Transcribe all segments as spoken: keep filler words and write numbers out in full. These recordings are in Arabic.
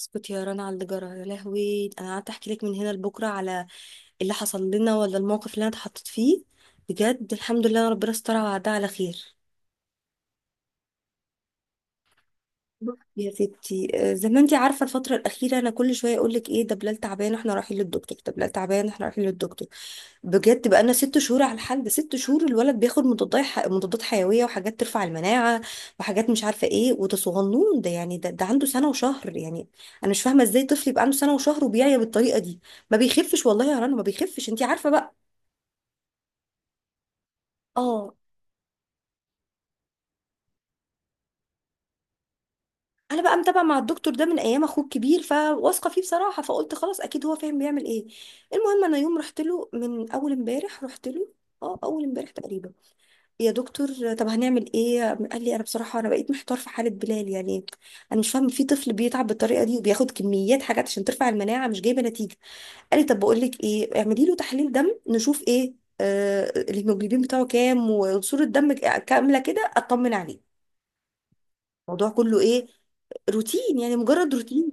اسكت يا رنا على اللي جرى. يا لهوي، انا قعدت احكي لك من هنا لبكره على اللي حصل لنا ولا الموقف اللي انا اتحطيت فيه. بجد الحمد لله، ربنا استر وعدها على خير. بصي يا ستي، آه، زي ما انت عارفه الفتره الاخيره انا كل شويه اقول لك ايه ده، بلال تعبان احنا رايحين للدكتور، ده بلال تعبان احنا رايحين للدكتور. بجد بقى لنا ست شهور على الحال ده. ست شهور الولد بياخد مضادات ح- مضادات حيويه وحاجات ترفع المناعه وحاجات مش عارفه ايه. وده صغنون ده، يعني ده, ده عنده سنه وشهر يعني. انا مش فاهمه ازاي طفل يبقى عنده سنه وشهر وبيعيا بالطريقه دي. ما بيخفش والله يا رنا، ما بيخفش، انت عارفه بقى. اه. انا بقى متابعه مع الدكتور ده من ايام اخوه الكبير، فواثقه فيه بصراحه، فقلت خلاص اكيد هو فاهم بيعمل ايه. المهم انا يوم رحت له من اول امبارح رحت له، اه اول امبارح تقريبا. يا دكتور، طب هنعمل ايه؟ قال لي انا بصراحه انا بقيت محتار في حاله بلال يعني. انا مش فاهم في طفل بيتعب بالطريقه دي وبياخد كميات حاجات عشان ترفع المناعه مش جايبه نتيجه. قال لي طب بقول لك ايه، اعملي له تحليل دم نشوف ايه آه الهيموجلوبين بتاعه كام، وصوره الدم كامله كده اطمن عليه. الموضوع كله ايه؟ روتين يعني، مجرد روتين.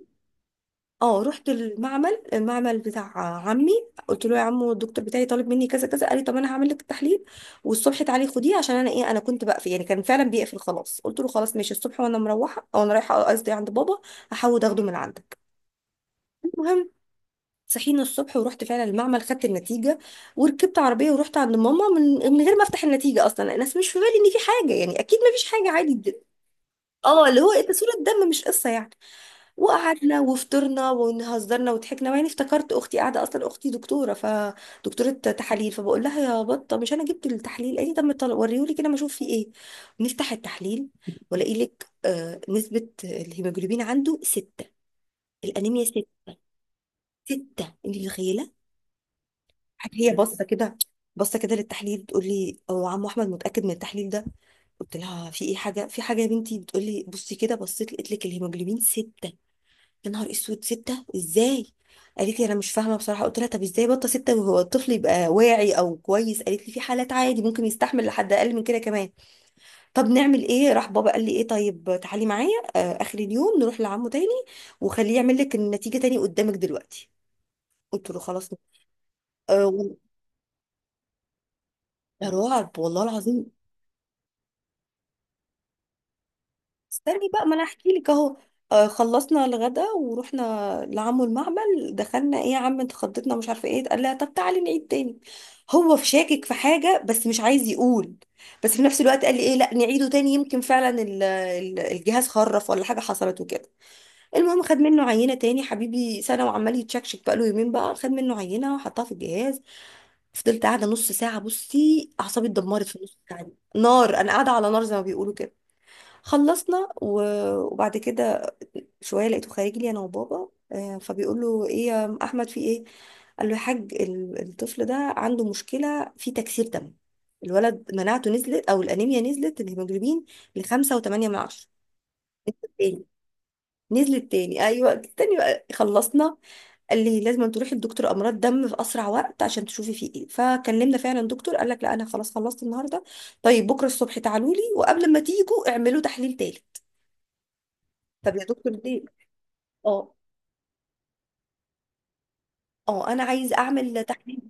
اه رحت المعمل، المعمل بتاع عمي. قلت له يا عمو، الدكتور بتاعي طالب مني كذا كذا. قال لي طب انا هعمل لك التحليل والصبح تعالي خديه، عشان انا ايه انا كنت بقفل. يعني كان فعلا بيقفل خلاص. قلت له خلاص ماشي، الصبح وانا مروحه او انا رايحه قصدي عند بابا هحاول اخده من عندك. المهم صحينا الصبح ورحت فعلا المعمل خدت النتيجه، وركبت عربيه ورحت عند ماما من من غير ما افتح النتيجه اصلا. الناس مش في بالي ان في حاجه، يعني اكيد ما فيش حاجه عادي. اه اللي هو إيه ده، صوره دم مش قصه يعني. وقعدنا وفطرنا وهزرنا وضحكنا، وبعدين افتكرت اختي قاعده، اصلا اختي دكتوره، فدكتوره تحاليل، فبقول لها يا بطه مش انا جبت التحليل؟ قالي طب طل- وريهولي كده ما اشوف فيه ايه. نفتح التحليل، والاقي لك آه نسبه الهيموجلوبين عنده سته. الانيميا سته. سته، انت متخيله؟ هي باصه كده، باصه كده للتحليل، بتقول لي هو عمو احمد متاكد من التحليل ده؟ قلت لها في ايه، حاجه في حاجه؟ يا بنتي بتقول لي بصي كده، بصيت لقيت لك الهيموجلوبين سته. يا نهار اسود، ستة ازاي؟ قالت لي انا مش فاهمه بصراحه. قلت لها طب ازاي بطه ستة وهو الطفل يبقى واعي او كويس؟ قالت لي في حالات عادي ممكن يستحمل لحد اقل من كده كمان. طب نعمل ايه؟ راح بابا قال لي ايه، طيب تعالي معايا آه اخر اليوم نروح لعمه تاني وخليه يعمل لك النتيجه تاني قدامك دلوقتي. قلت له خلاص. آه وال- ده رعب والله العظيم. استني بقى ما انا احكي لك اهو. آه، خلصنا الغدا ورحنا لعمو المعمل. دخلنا. ايه يا عم انت خضتنا مش عارفه ايه؟ قال لها طب تعالي نعيد تاني. هو في شاكك في حاجه بس مش عايز يقول، بس في نفس الوقت قال لي ايه لا نعيده تاني يمكن فعلا ال- ال- الجهاز خرف ولا حاجه حصلت وكده. المهم خد منه عينه تاني، حبيبي سنه وعمال يتشكشك بقاله يومين بقى. خد منه عينه وحطها في الجهاز. فضلت قاعده نص ساعه، بصي اعصابي اتدمرت في نص ساعه دي. نار، انا قاعده على نار زي ما بيقولوا كده. خلصنا و- وبعد كده شويه لقيته خارج لي انا وبابا، آه، فبيقول له ايه يا احمد في ايه؟ قال له يا حاج ال- الطفل ده عنده مشكله في تكسير دم. الولد مناعته نزلت او الانيميا نزلت، الهيموجلوبين ل خمسة وثمانية من عشرة من عشرة. تاني، نزلت تاني، ايوه تاني بقى. خلصنا. قال لي لازم تروحي لدكتور امراض دم في اسرع وقت عشان تشوفي فيه ايه. فكلمنا فعلا دكتور قال لك لا انا خلاص خلصت النهارده، طيب بكره الصبح تعالوا لي، وقبل ما تيجوا اعملوا تحليل تالت. طب يا دكتور ليه؟ اه اه. انا عايز اعمل تحليل،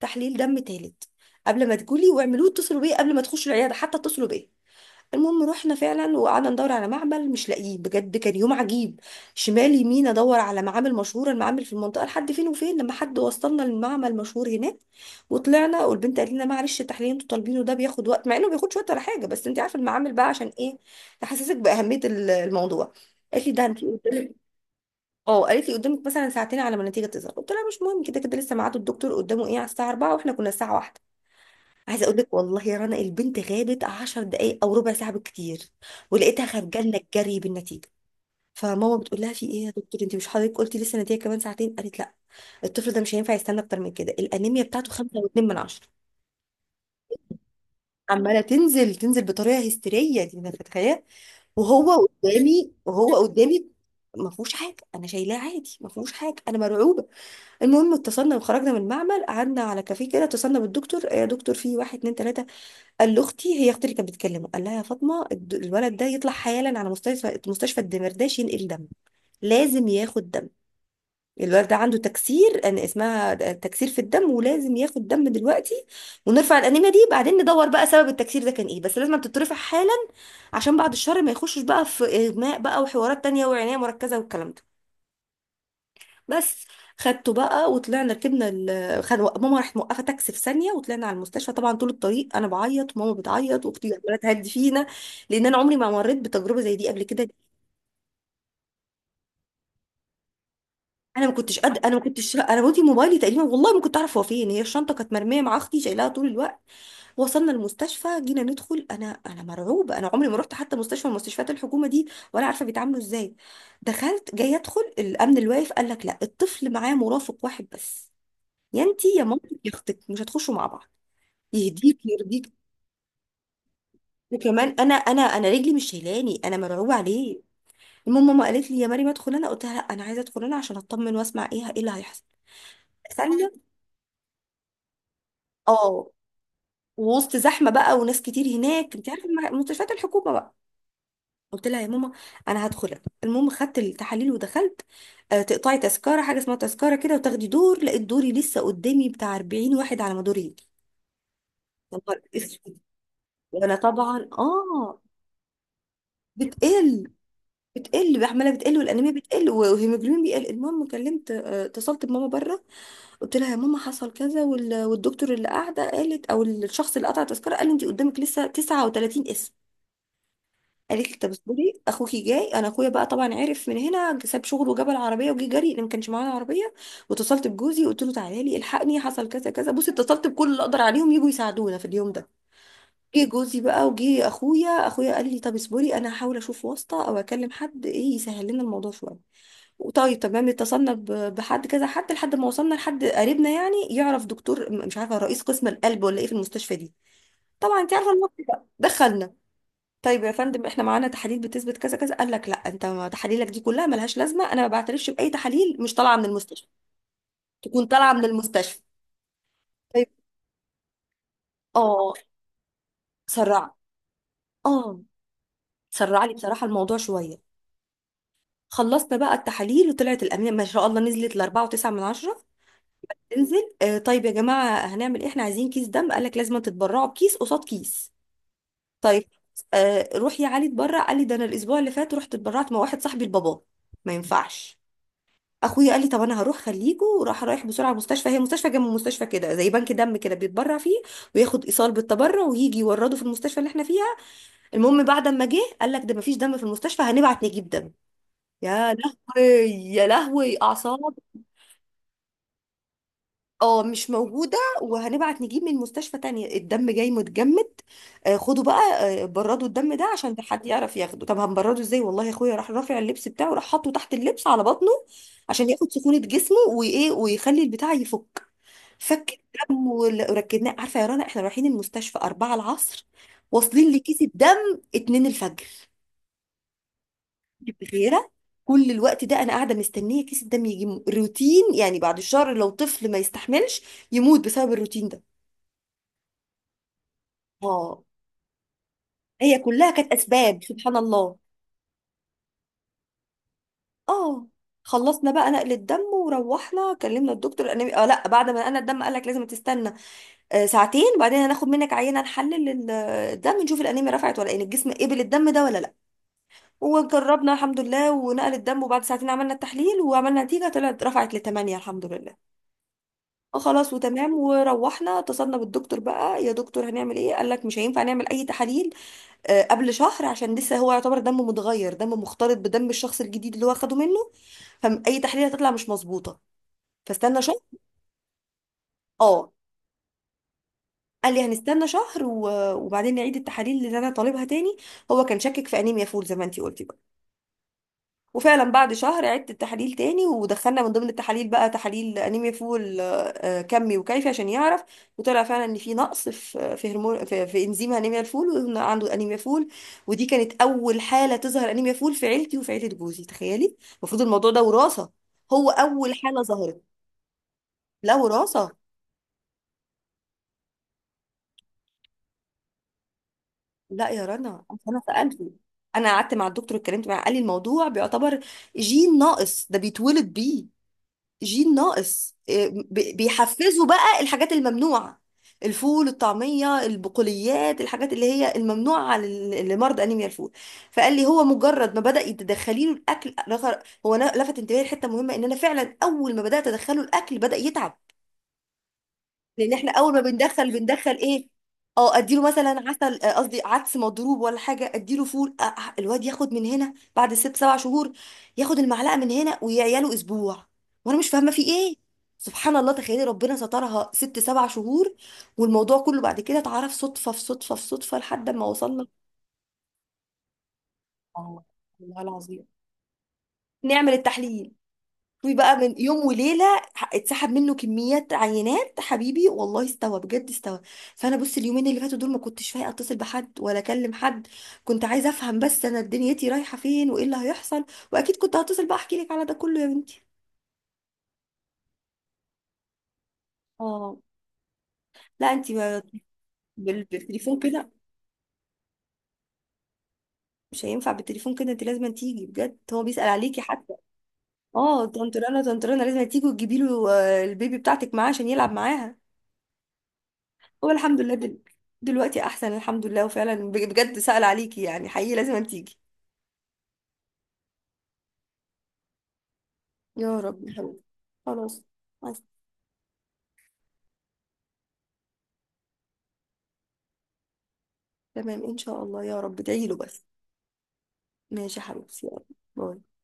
تحليل دم تالت. قبل ما تقولي واعملوه اتصلوا بيا، قبل ما تخشوا العياده حتى اتصلوا بيا. المهم رحنا فعلا وقعدنا ندور على معمل مش لاقيه، بجد كان يوم عجيب. شمال يمين ادور على معامل مشهوره، المعامل في المنطقه لحد فين وفين، لما حد وصلنا للمعمل مشهور هناك. وطلعنا والبنت قالت لنا معلش التحليل اللي انتوا طالبينه ده بياخد وقت. مع انه بياخدش وقت ولا حاجه، بس انت عارفه المعامل بقى عشان ايه، تحسسك باهميه ال- الموضوع. قالت لي ده انت اه. قالت لي قدامك مثلا ساعتين على ما النتيجه تظهر. قلت لها مش مهم، كده كده لسه ميعاد الدكتور قدامه ايه على الساعه اربعة واحنا كنا الساعه واحدة. عايزه اقول لك والله يا رنا البنت غابت عشر دقائق او ربع ساعه بالكتير، ولقيتها خارجه لنا الجري بالنتيجه. فماما بتقول لها في ايه يا دكتور، انت مش حضرتك قلتي لسه النتيجه كمان ساعتين؟ قالت لا، الطفل ده مش هينفع يستنى اكتر من كده، الانيميا بتاعته خمسة واتنين من عشرة من عشرة. عماله تنزل، تنزل بطريقه هستيريه دي انا متخيله؟ وهو قدامي، وهو قدامي. ما فيهوش حاجه، انا شايلاه عادي، ما فيهوش حاجه، انا مرعوبه. المهم اتصلنا وخرجنا من المعمل، قعدنا على كافيه كده، اتصلنا بالدكتور. إيه يا دكتور في واحد اتنين تلاته. قال لاختي، هي اختي اللي كانت بتكلمه، قال لها يا فاطمه الد- الولد ده يطلع حالا على مستشفى، مستشفى الدمرداش، ينقل دم. لازم ياخد دم. الولد ده عنده تكسير، انا اسمها تكسير في الدم، ولازم ياخد دم دلوقتي، ونرفع الانيميا دي. بعدين ندور بقى سبب التكسير ده كان ايه، بس لازم تترفع حالا عشان بعد الشر ما يخشش بقى في اغماء بقى وحوارات تانية وعناية مركزة والكلام ده. بس. خدته بقى وطلعنا، ركبنا ال... خد... ماما راحت موقفه تاكسي في ثانيه وطلعنا على المستشفى. طبعا طول الطريق انا بعيط وماما بتعيط واختي عماله تهدي فينا، لان انا عمري ما مريت بتجربه زي دي قبل كده. انا ما كنتش قد انا ما كنتش انا بودي موبايلي تقريبا، والله ما كنت اعرف هو فين. هي الشنطه كانت مرميه مع اختي شايلاها طول الوقت. وصلنا المستشفى، جينا ندخل، انا انا مرعوبه. انا عمري ما رحت حتى مستشفى من مستشفيات الحكومه دي، ولا عارفه بيتعاملوا ازاي. دخلت جاي ادخل، الامن الواقف قال لك لا، الطفل معاه مرافق واحد بس، يا انتي يا مامتك يا اختك، مش هتخشوا مع بعض. يهديك يرضيك. وكمان انا انا انا رجلي مش شايلاني، انا مرعوبه عليه. المهم ماما قالت لي يا مريم ادخل انا. قلت لها لا، انا عايزه ادخل انا عشان اطمن واسمع ايه ايه اللي هيحصل. دخلنا. اه. ووسط زحمه بقى وناس كتير هناك، انت عارفه الم- مستشفيات الحكومه بقى. قلت لها يا ماما انا هدخل أنا. المهم خدت التحاليل ودخلت. آه، تقطعي تذكره، حاجه اسمها تذكره كده وتاخدي دور. لقيت دوري لسه قدامي بتاع اربعين واحد على ما دوري يجي. يا نهار اسود. وانا طبعا اه بتقل، بتقل بقى، عماله بتقل، والانيميا بتقل، والهيموجلوبين بيقل. المهم كلمت آه، اتصلت بماما بره، قلت لها يا ماما حصل كذا، وال- والدكتور اللي قاعده قالت، او الشخص اللي قطع التذكره قال لي انت قدامك لسه تسعة وتلاتين اسم. قالت لي طب اصبري اخوكي جاي. انا اخويا بقى طبعا عرف من هنا، ساب شغله وجاب العربيه وجه جري، لان ما كانش معانا عربيه. واتصلت بجوزي قلت له تعالى لي الحقني حصل كذا كذا. بصي اتصلت بكل اللي اقدر عليهم يجوا يساعدونا في اليوم ده. جه جوزي بقى، وجه اخويا. اخويا قال لي طب اصبري انا هحاول اشوف واسطه او اكلم حد ايه يسهل لنا الموضوع شويه. طيب تمام. اتصلنا ب- بحد كذا حد، لحد ما وصلنا لحد قريبنا يعني يعرف دكتور، م- مش عارفه رئيس قسم القلب ولا ايه في المستشفى دي. طبعا انت عارفه الموقف بقى. دخلنا. طيب يا فندم احنا معانا تحاليل بتثبت كذا كذا. قال لك لا، انت ما تحاليلك دي كلها ملهاش لازمه، انا ما بعترفش باي تحاليل مش طالعه من المستشفى، تكون طالعه من المستشفى. طيب. اه سرع. اه سرع لي بصراحه الموضوع شويه. خلصنا بقى التحاليل، وطلعت الامينه ما شاء الله نزلت ل اربعة وتسعة من عشرة من عشرة. تنزل. آه طيب يا جماعه هنعمل ايه؟ احنا عايزين كيس دم. قال لك لازم تتبرعوا بكيس قصاد كيس. طيب. آه روح يا علي اتبرع. قال لي ده انا الاسبوع اللي فات رحت اتبرعت مع واحد صاحبي لباباه، ما ينفعش. اخويا قال لي طب انا هروح خليكوا، وراح رايح بسرعه مستشفى، هي مستشفى جنب مستشفى كده زي بنك دم كده بيتبرع فيه، وياخد ايصال بالتبرع ويجي يورده في المستشفى اللي احنا فيها. المهم بعد ما جه قال لك ده مفيش دم في المستشفى، هنبعت نجيب دم. يا لهوي، يا لهوي، اعصاب. اه مش موجودة، وهنبعت نجيب من مستشفى تانية. الدم جاي متجمد، آه، خدوا بقى. آه، بردوا الدم ده عشان ده حد يعرف ياخده. طب هنبرده ازاي؟ والله يا اخويا راح رافع اللبس بتاعه، راح حاطه تحت اللبس على بطنه عشان ياخد سخونة جسمه وايه ويخلي البتاع يفك. فك الدم وال- وركدناه. عارفة يا رنا احنا رايحين المستشفى اربعة العصر، واصلين لكيس الدم اتنين الفجر، بخيرة. كل الوقت ده انا قاعده مستنيه كيس الدم يجي م- روتين يعني. بعد الشهر لو طفل ما يستحملش، يموت بسبب الروتين ده. اه. هي كلها كانت اسباب سبحان الله. اه. خلصنا بقى نقل الدم، وروحنا كلمنا الدكتور. انا اه لا، بعد ما نقلنا الدم قال لك لازم تستنى آه ساعتين، بعدين هناخد منك عينه نحلل ال- الدم، نشوف الانيميا رفعت ولا ايه الجسم قبل الدم ده ولا لا. وجربنا الحمد لله، ونقل الدم، وبعد ساعتين عملنا التحليل، وعملنا نتيجه، طلعت رفعت لثمانية الحمد لله. آه خلاص وتمام. وروحنا اتصلنا بالدكتور بقى يا دكتور هنعمل ايه؟ قال لك مش هينفع نعمل اي تحاليل آه، قبل شهر، عشان لسه هو يعتبر دمه متغير، دمه مختلط بدم الشخص الجديد اللي هو اخده منه، فاي تحليل هتطلع مش مظبوطه. فاستنى شهر. اه. قال لي هنستنى شهر و- وبعدين نعيد التحاليل اللي انا طالبها تاني. هو كان شاكك في انيميا فول زي ما انتي قلتي. وفعلا بعد شهر عدت التحاليل تاني، ودخلنا من ضمن التحاليل بقى تحاليل انيميا فول، آه، آه، كمي وكيفي عشان يعرف. وطلع فعلا ان في نقص في في هرمون، في, في انزيم انيميا الفول، وإن عنده انيميا فول. ودي كانت اول حاله تظهر انيميا فول في عيلتي وفي عيله جوزي، تخيلي. المفروض الموضوع ده وراثه، هو اول حاله ظهرت. لا وراثه. لا يا رنا انا سالته. انا قعدت مع الدكتور اتكلمت معاه، قال لي الموضوع بيعتبر جين ناقص ده بيتولد بيه. جين ناقص، إيه، بي- بيحفزوا بقى الحاجات الممنوعة، الفول، الطعمية، البقوليات، الحاجات اللي هي الممنوعة على ال- لمرضى أنيميا الفول. فقال لي هو مجرد ما بدأ يتدخلي له الأكل رغ- هو نا- لفت انتباهي لحتة مهمة، إن أنا فعلا أول ما بدأت أدخله الأكل بدأ يتعب. لان احنا اول ما بندخل بندخل ايه؟ اه اديله مثلا عسل، آه، قصدي عدس مضروب ولا حاجه، اديله فول. آه، آه، الواد ياخد من هنا بعد ست سبع شهور، ياخد المعلقه من هنا ويعياله اسبوع، وانا مش فاهمه في ايه. سبحان الله، تخيلي ربنا سترها ست سبع شهور. والموضوع كله بعد كده اتعرف صدفه في صدفه في صدفه لحد ما وصلنا. والله، والله العظيم. نعمل التحليل. طوي بقى من يوم وليله، ح- اتسحب منه كميات عينات، حبيبي والله استوى بجد استوى. فانا بص اليومين اللي فاتوا دول ما كنتش فايقه اتصل بحد ولا اكلم حد، كنت عايزه افهم بس انا دنيتي رايحه فين وايه اللي هيحصل. واكيد كنت هتصل بقى احكي لك على ده كله يا بنتي. اه. لا انت ما- بال- بالتليفون كده مش هينفع. بالتليفون كده انت لازم تيجي بجد، هو بيسأل عليكي حتى. اه طنطرانه طنطرانه، لازم تيجي وتجيبي له، آه، البيبي بتاعتك معاه عشان يلعب معاها. هو الحمد لله دل... دلوقتي احسن الحمد لله، وفعلا بج- بجد سأل عليكي يعني، حقيقي لازم أن تيجي. يا رب يا حبيبي. خلاص. بس. تمام ان شاء الله، يا رب ادعي له بس. ماشي يا حبيبتي، يلا. باي.